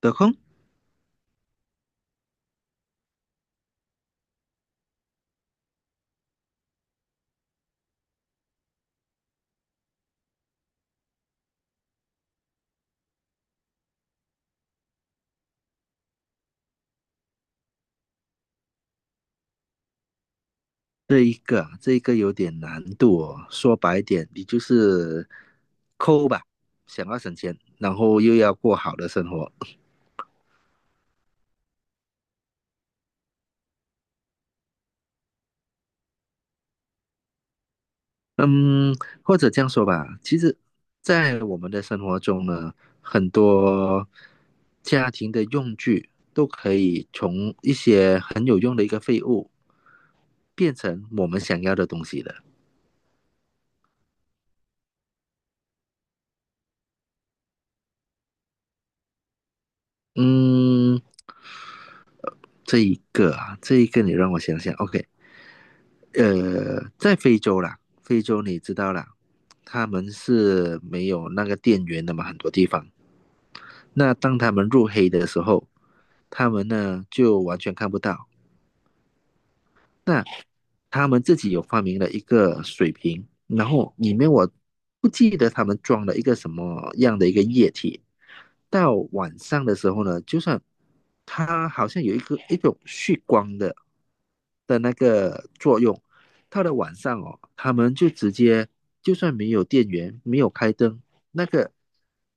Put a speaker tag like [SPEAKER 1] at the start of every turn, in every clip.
[SPEAKER 1] 得空。这一个有点难度哦。说白点，你就是抠吧，想要省钱，然后又要过好的生活。嗯，或者这样说吧，其实，在我们的生活中呢，很多家庭的用具都可以从一些很有用的一个废物，变成我们想要的东西的。嗯，这一个你让我想想，OK，在非洲啦，非洲你知道啦，他们是没有那个电源的嘛，很多地方。那当他们入黑的时候，他们呢就完全看不到，那他们自己有发明了一个水瓶，然后里面我不记得他们装了一个什么样的一个液体。到晚上的时候呢，就算它好像有一种蓄光的那个作用，到了晚上哦，他们就直接就算没有电源，没有开灯，那个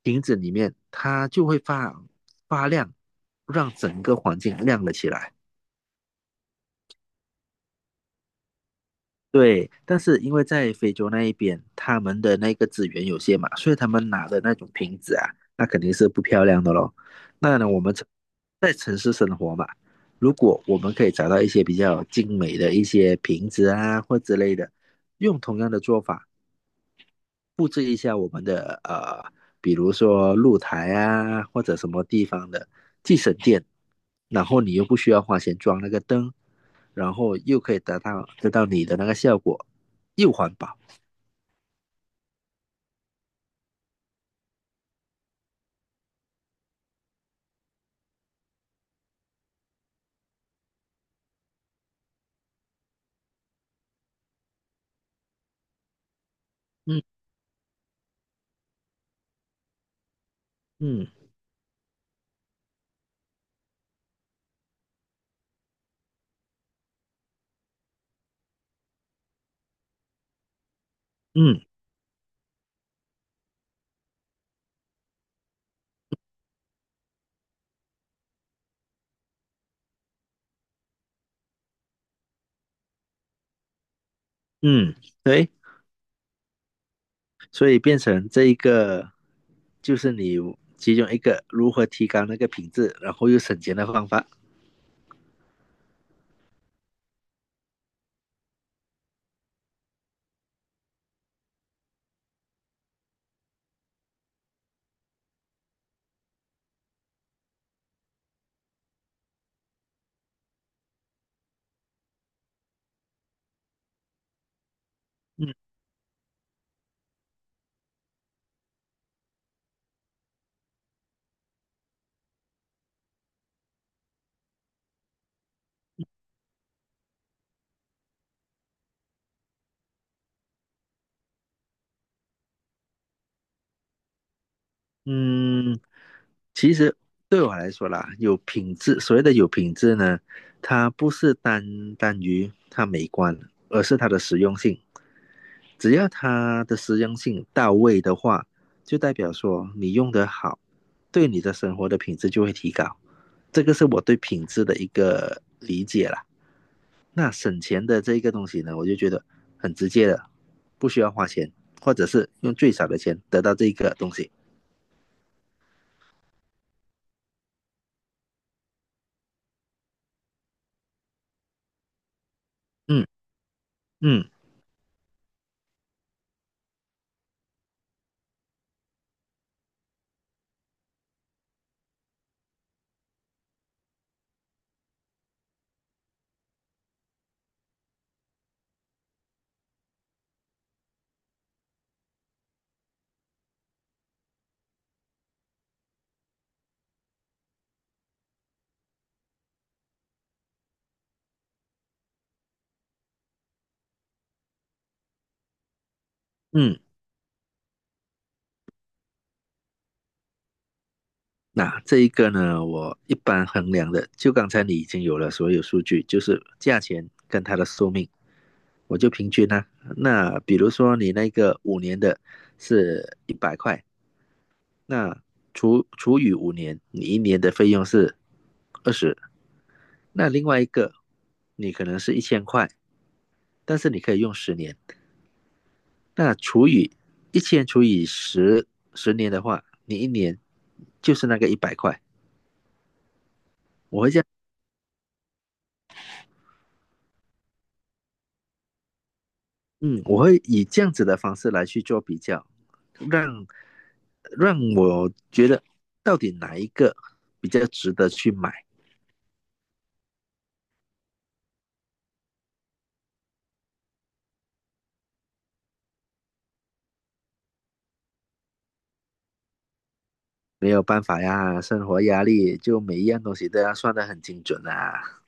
[SPEAKER 1] 瓶子里面它就会发亮，让整个环境亮了起来。对，但是因为在非洲那一边，他们的那个资源有限嘛，所以他们拿的那种瓶子啊，那肯定是不漂亮的喽。那呢，我们城在城市生活嘛，如果我们可以找到一些比较精美的一些瓶子啊或之类的，用同样的做法。布置一下我们的比如说露台啊，或者什么地方的，既省电，然后你又不需要花钱装那个灯，然后又可以达到得到你的那个效果，又环保。嗯嗯嗯嗯，对，所以变成这一个就是你其中一个如何提高那个品质，然后又省钱的方法。嗯嗯，其实对我来说啦，有品质，所谓的有品质呢，它不是单单于它美观，而是它的实用性。只要它的实用性到位的话，就代表说你用得好，对你的生活的品质就会提高。这个是我对品质的一个理解啦。那省钱的这一个东西呢，我就觉得很直接的，不需要花钱，或者是用最少的钱得到这个东西。嗯嗯嗯。那这一个呢，我一般衡量的，就刚才你已经有了所有数据，就是价钱跟它的寿命，我就平均呢、那比如说你那个五年的是一百块，那除除以五年，你一年的费用是20，那另外一个你可能是1000块，但是你可以用十年，那除以1000除以10，十年的话，你一年就是那个一百块。我会这样。嗯，我会以这样子的方式来去做比较，让让我觉得到底哪一个比较值得去买。没有办法呀，生活压力就每一样东西都要算的很精准啊。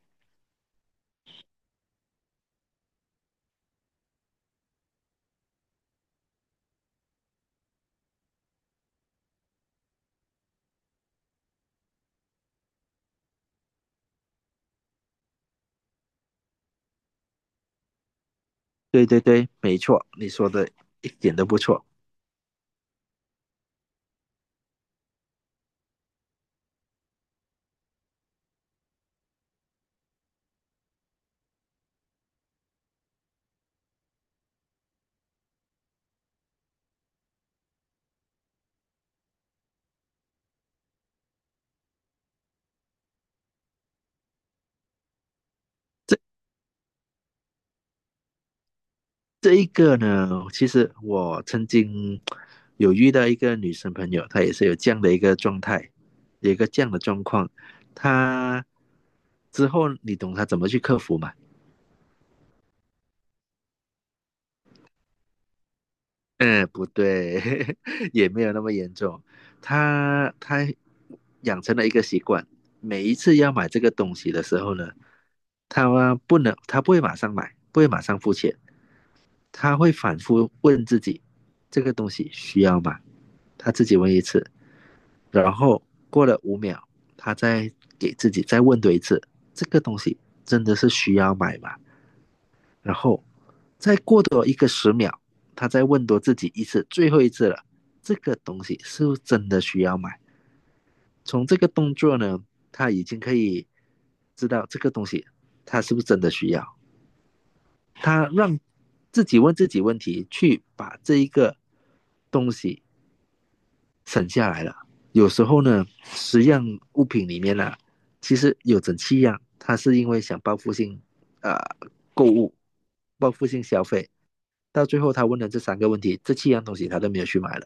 [SPEAKER 1] 对对对，没错，你说的一点都不错。这一个呢，其实我曾经有遇到一个女生朋友，她也是有这样的一个状态，有一个这样的状况。她之后你懂她怎么去克服吗？嗯，不对，也没有那么严重。他养成了一个习惯，每一次要买这个东西的时候呢，他不能，他不会马上买，不会马上付钱，他会反复问自己，这个东西需要吗？他自己问一次，然后过了5秒，他再给自己再问多一次，这个东西真的是需要买吗？然后再过多一个10秒，他再问多自己一次，最后一次了，这个东西是不是真的需要买？从这个动作呢，他已经可以知道这个东西他是不是真的需要。他让自己问自己问题，去把这一个东西省下来了。有时候呢，10样物品里面呢、啊其实有整七样，他是因为想报复性呃购物、报复性消费，到最后他问了这3个问题，这7样东西他都没有去买了，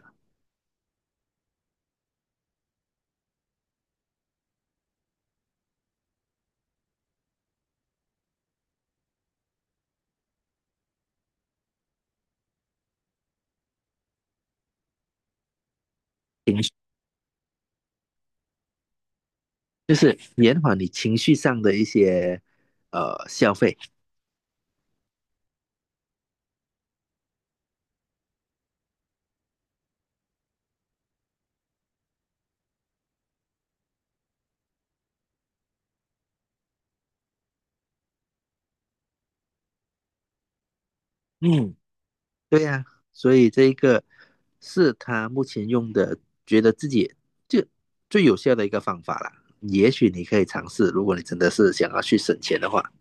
[SPEAKER 1] 就是延缓你情绪上的一些消费。嗯，对呀、所以这一个是他目前用的，觉得自己就最有效的一个方法啦。也许你可以尝试，如果你真的是想要去省钱的话，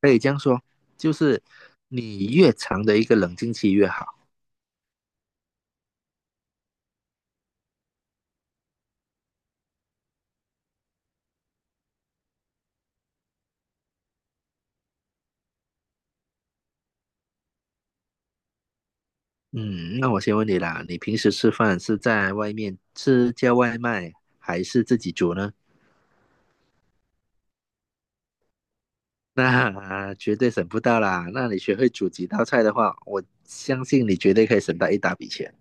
[SPEAKER 1] 可以这样说，就是你越长的一个冷静期越好。嗯，那我先问你啦，你平时吃饭是在外面吃叫外卖，还是自己煮呢？那绝对省不到啦。那你学会煮几道菜的话，我相信你绝对可以省到一大笔钱。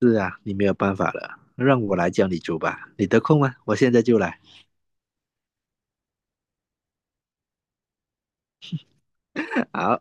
[SPEAKER 1] 是啊，你没有办法了，让我来教你煮吧。你得空吗？我现在就来。好。